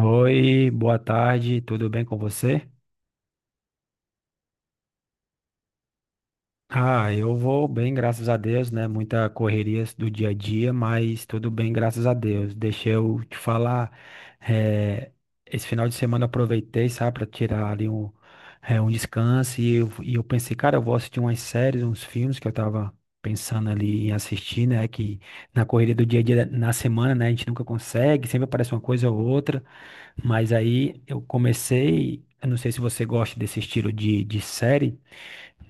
Oi, boa tarde, tudo bem com você? Ah, eu vou bem, graças a Deus, né? Muita correria do dia a dia, mas tudo bem, graças a Deus. Deixa eu te falar, eh, esse final de semana eu aproveitei, sabe, para tirar ali um, um descanso e eu pensei, cara, eu vou assistir umas séries, uns filmes que eu tava pensando ali em assistir, né? Que na correria do dia a dia, na semana, né? A gente nunca consegue, sempre aparece uma coisa ou outra. Mas aí eu comecei, eu não sei se você gosta desse estilo de série.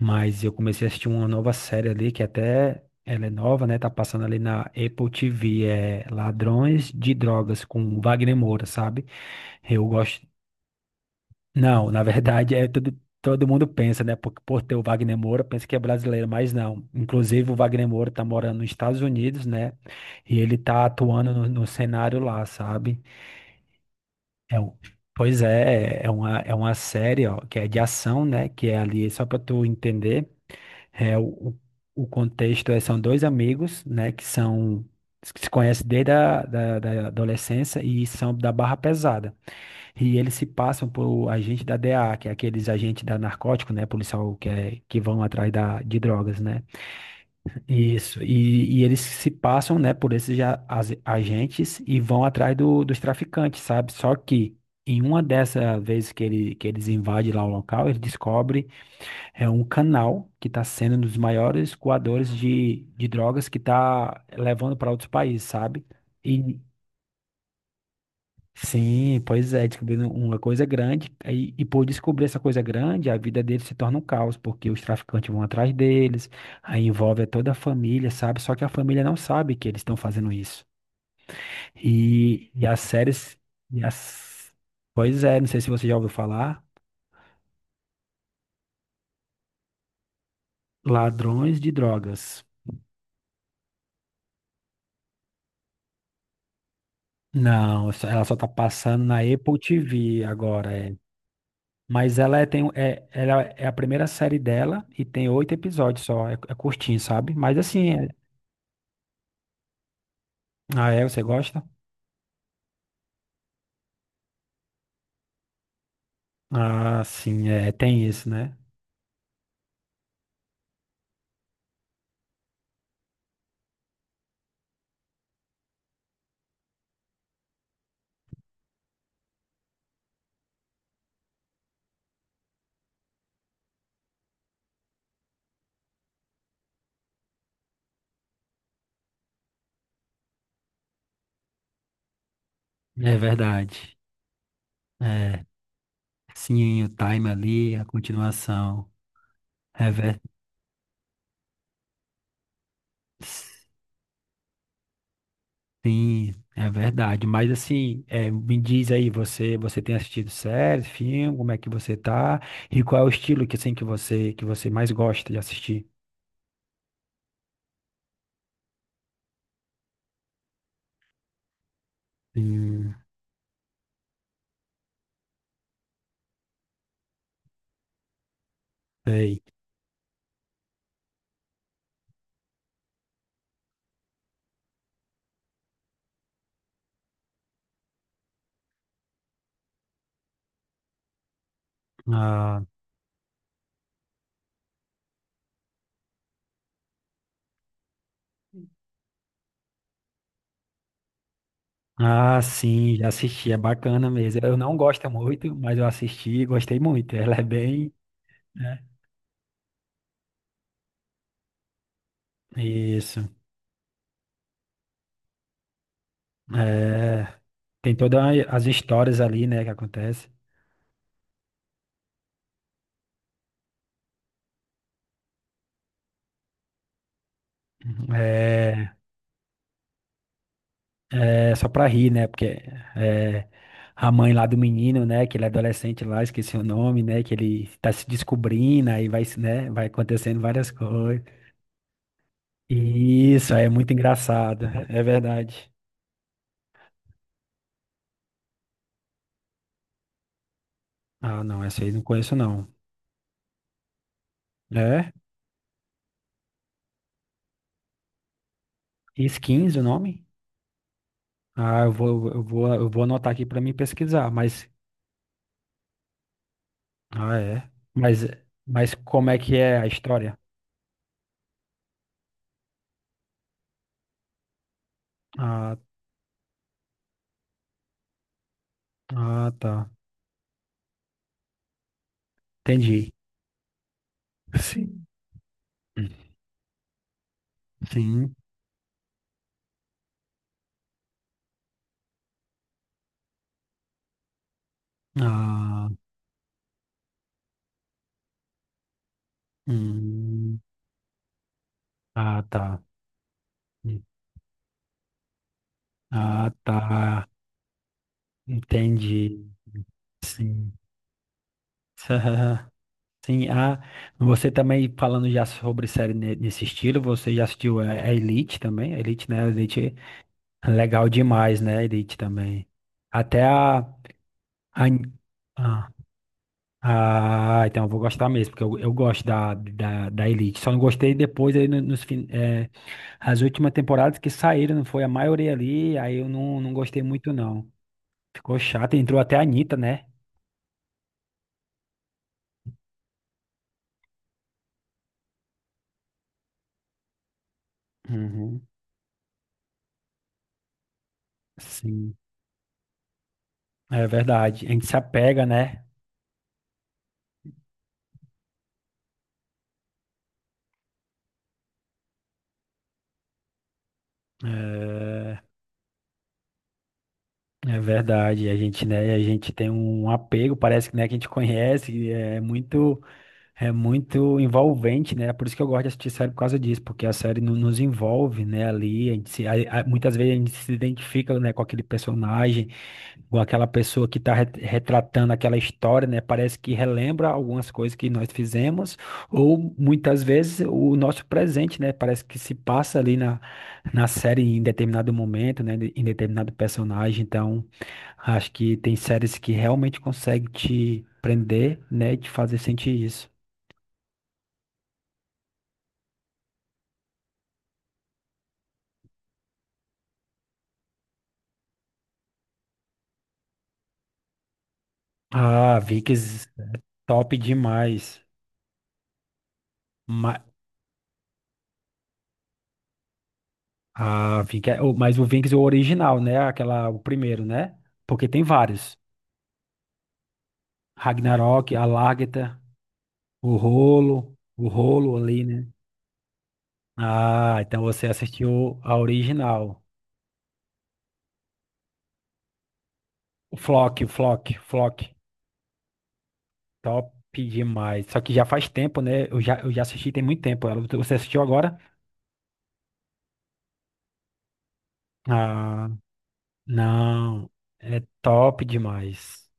Mas eu comecei a assistir uma nova série ali, que até ela é nova, né? Tá passando ali na Apple TV, é Ladrões de Drogas, com Wagner Moura, sabe? Eu gosto. Não, na verdade, é tudo. Todo mundo pensa, né? Por ter o Wagner Moura, pensa que é brasileiro, mas não. Inclusive, o Wagner Moura tá morando nos Estados Unidos, né? E ele tá atuando no cenário lá, sabe? É, um- Pois é, é uma série, ó, que é de ação, né? Que é ali, só pra tu entender. É, o, o o contexto é, são dois amigos, né, que se conhecem desde da adolescência e são da barra pesada. E eles se passam por agente da DEA, que é aqueles agentes da narcótico, né, policial que vão atrás de drogas, né? Isso. E eles se passam, né, por esses agentes e vão atrás dos traficantes, sabe? Só que em uma dessas vezes que eles invadem lá o local, ele descobre é um canal que está sendo um dos maiores coadores de drogas que está levando para outros países, sabe? E sim, pois é, descobrindo uma coisa grande, e por descobrir essa coisa grande, a vida deles se torna um caos, porque os traficantes vão atrás deles, aí envolve toda a família, sabe? Só que a família não sabe que eles estão fazendo isso. E as séries. E as... Pois é, não sei se você já ouviu falar, Ladrões de Drogas. Não, ela só tá passando na Apple TV agora, é. Mas ela é a primeira série dela e tem 8 episódios só, é curtinho, sabe? Mas assim, Ah, é? Você gosta? Ah, sim, é, tem isso, né? É verdade. É, sim, o time ali, a continuação. É ver... Sim, é verdade. Mas assim, me diz aí, você tem assistido séries, filme, como é que você tá? E qual é o estilo que assim que você mais gosta de assistir? Sim, sei. Ah, ah, sim, já assisti, é bacana mesmo. Eu não gosto muito, mas eu assisti e gostei muito. Ela é bem, né? Isso. É, tem todas as histórias ali, né, que acontece. É, é só pra rir, né? Porque é, a mãe lá do menino, né, que ele é adolescente lá, esqueci o nome, né, que ele tá se descobrindo, aí vai, né, vai acontecendo várias coisas. Isso, aí é muito engraçado, é verdade. Ah, não, essa aí não conheço não. É? Skins o nome? Ah, eu vou anotar aqui pra mim pesquisar, mas. Ah, é. Mas como é que é a história? Ah, ah, tá. Entendi. Sim. Sim. Ah, hum. Ah, tá. Ah, tá. Entendi. Sim. Sim. Ah, você também falando já sobre série nesse estilo, você já assistiu a Elite também? A Elite, né? A Elite. Legal demais, né, Elite também. Até a, ah, ah, então eu vou gostar mesmo, porque eu gosto da Elite. Só não gostei depois aí as últimas temporadas que saíram, não foi a maioria ali, aí eu não gostei muito não. Ficou chato, entrou até a Anitta, né? Uhum. Sim, é verdade. A gente se apega, né? É, é verdade. A gente, né, a gente tem um apego, parece que, né, que a gente conhece, É muito envolvente, né? É por isso que eu gosto de assistir série por causa disso, porque a série nos envolve, né? Ali, a gente muitas vezes a gente se identifica, né, com aquele personagem, com aquela pessoa que está retratando aquela história, né? Parece que relembra algumas coisas que nós fizemos, ou muitas vezes o nosso presente, né? Parece que se passa ali na série em determinado momento, né? Em determinado personagem. Então, acho que tem séries que realmente conseguem te prender, né? E te fazer sentir isso. Ah, Vikings top demais. Ma- Vikings, mas o Vikings é o original, né? Aquela, o primeiro, né? Porque tem vários. Ragnarok, Alárgata, o Rolo ali, né? Ah, então você assistiu a original. O Flock, top demais. Só que já faz tempo, né? Eu já assisti tem muito tempo. Você assistiu agora? Ah, não. É top demais.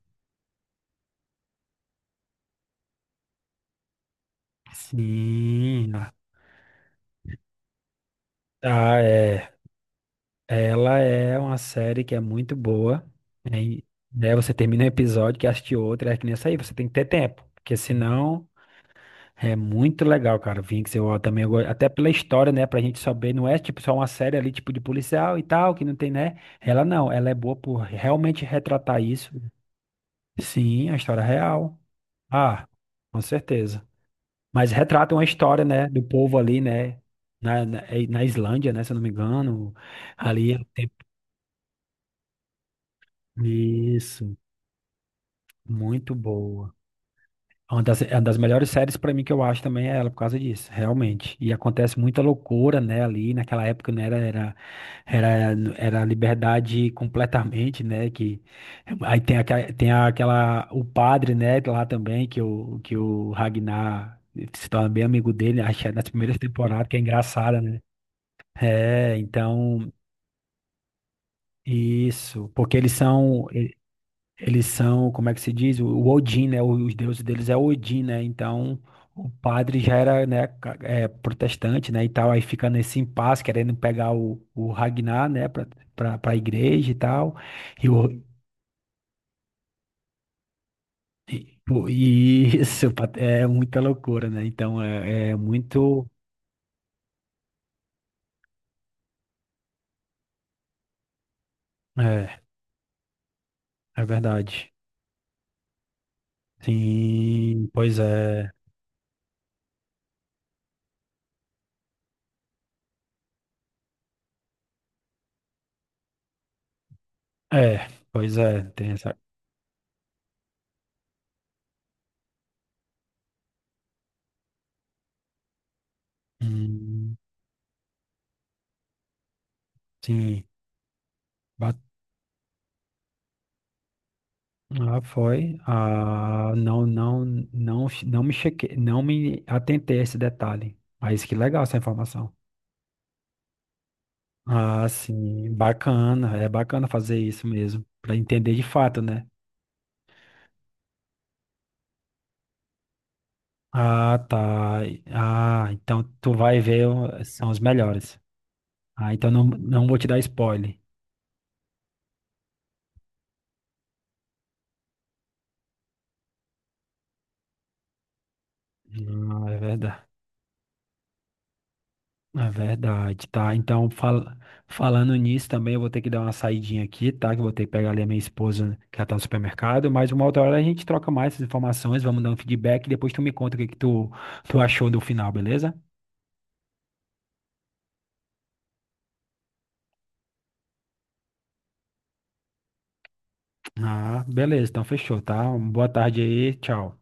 Sim. Ah, é. Ela é uma série que é muito boa, né? E, né, você termina um episódio, quer assistir outro, é que nem essa aí, você tem que ter tempo. Porque senão é muito legal, cara. Vinx, eu também até pela história, né? Pra gente saber, não é tipo só uma série ali, tipo de policial e tal, que não tem, né? Ela não, ela é boa por realmente retratar isso. Sim, a história real. Ah, com certeza. Mas retrata uma história, né? Do povo ali, né? Na Islândia, né? Se eu não me engano. Ali é o tempo. Isso. Muito boa. É uma das melhores séries pra mim que eu acho também é ela, por causa disso, realmente. E acontece muita loucura, né, ali, naquela época, né, era liberdade completamente, né, que aí tem aquela, o padre, né, lá também, que o Ragnar se torna bem amigo dele, acho que é nas primeiras temporadas, que é engraçada, né. É, então, isso, porque eles são, como é que se diz? O Odin, né? Os deuses deles é Odin, né? Então, o padre já era, né, protestante, né? E tal, aí fica nesse impasse, querendo pegar o Ragnar, né? Pra igreja e tal. E, o, e, pô, é muita loucura, né? Então, é muito. É, é verdade. Sim, pois é. É, pois é. Tem essa. Hum, sim. Ah, foi. Ah, não, não, não, não me chequei, não me atentei a esse detalhe. Mas que legal essa informação. Ah, sim, bacana. É bacana fazer isso mesmo, para entender de fato, né? Ah, tá. Ah, então tu vai ver, são os melhores. Ah, então não vou te dar spoiler. Ah, é verdade. É verdade, tá? Então, falando nisso também, eu vou ter que dar uma saidinha aqui, tá? Que eu vou ter que pegar ali a minha esposa, que ela tá no supermercado, mas uma outra hora a gente troca mais essas informações, vamos dar um feedback e depois tu me conta o que que tu achou do final, beleza? Ah, beleza, então fechou, tá? Uma boa tarde aí, tchau.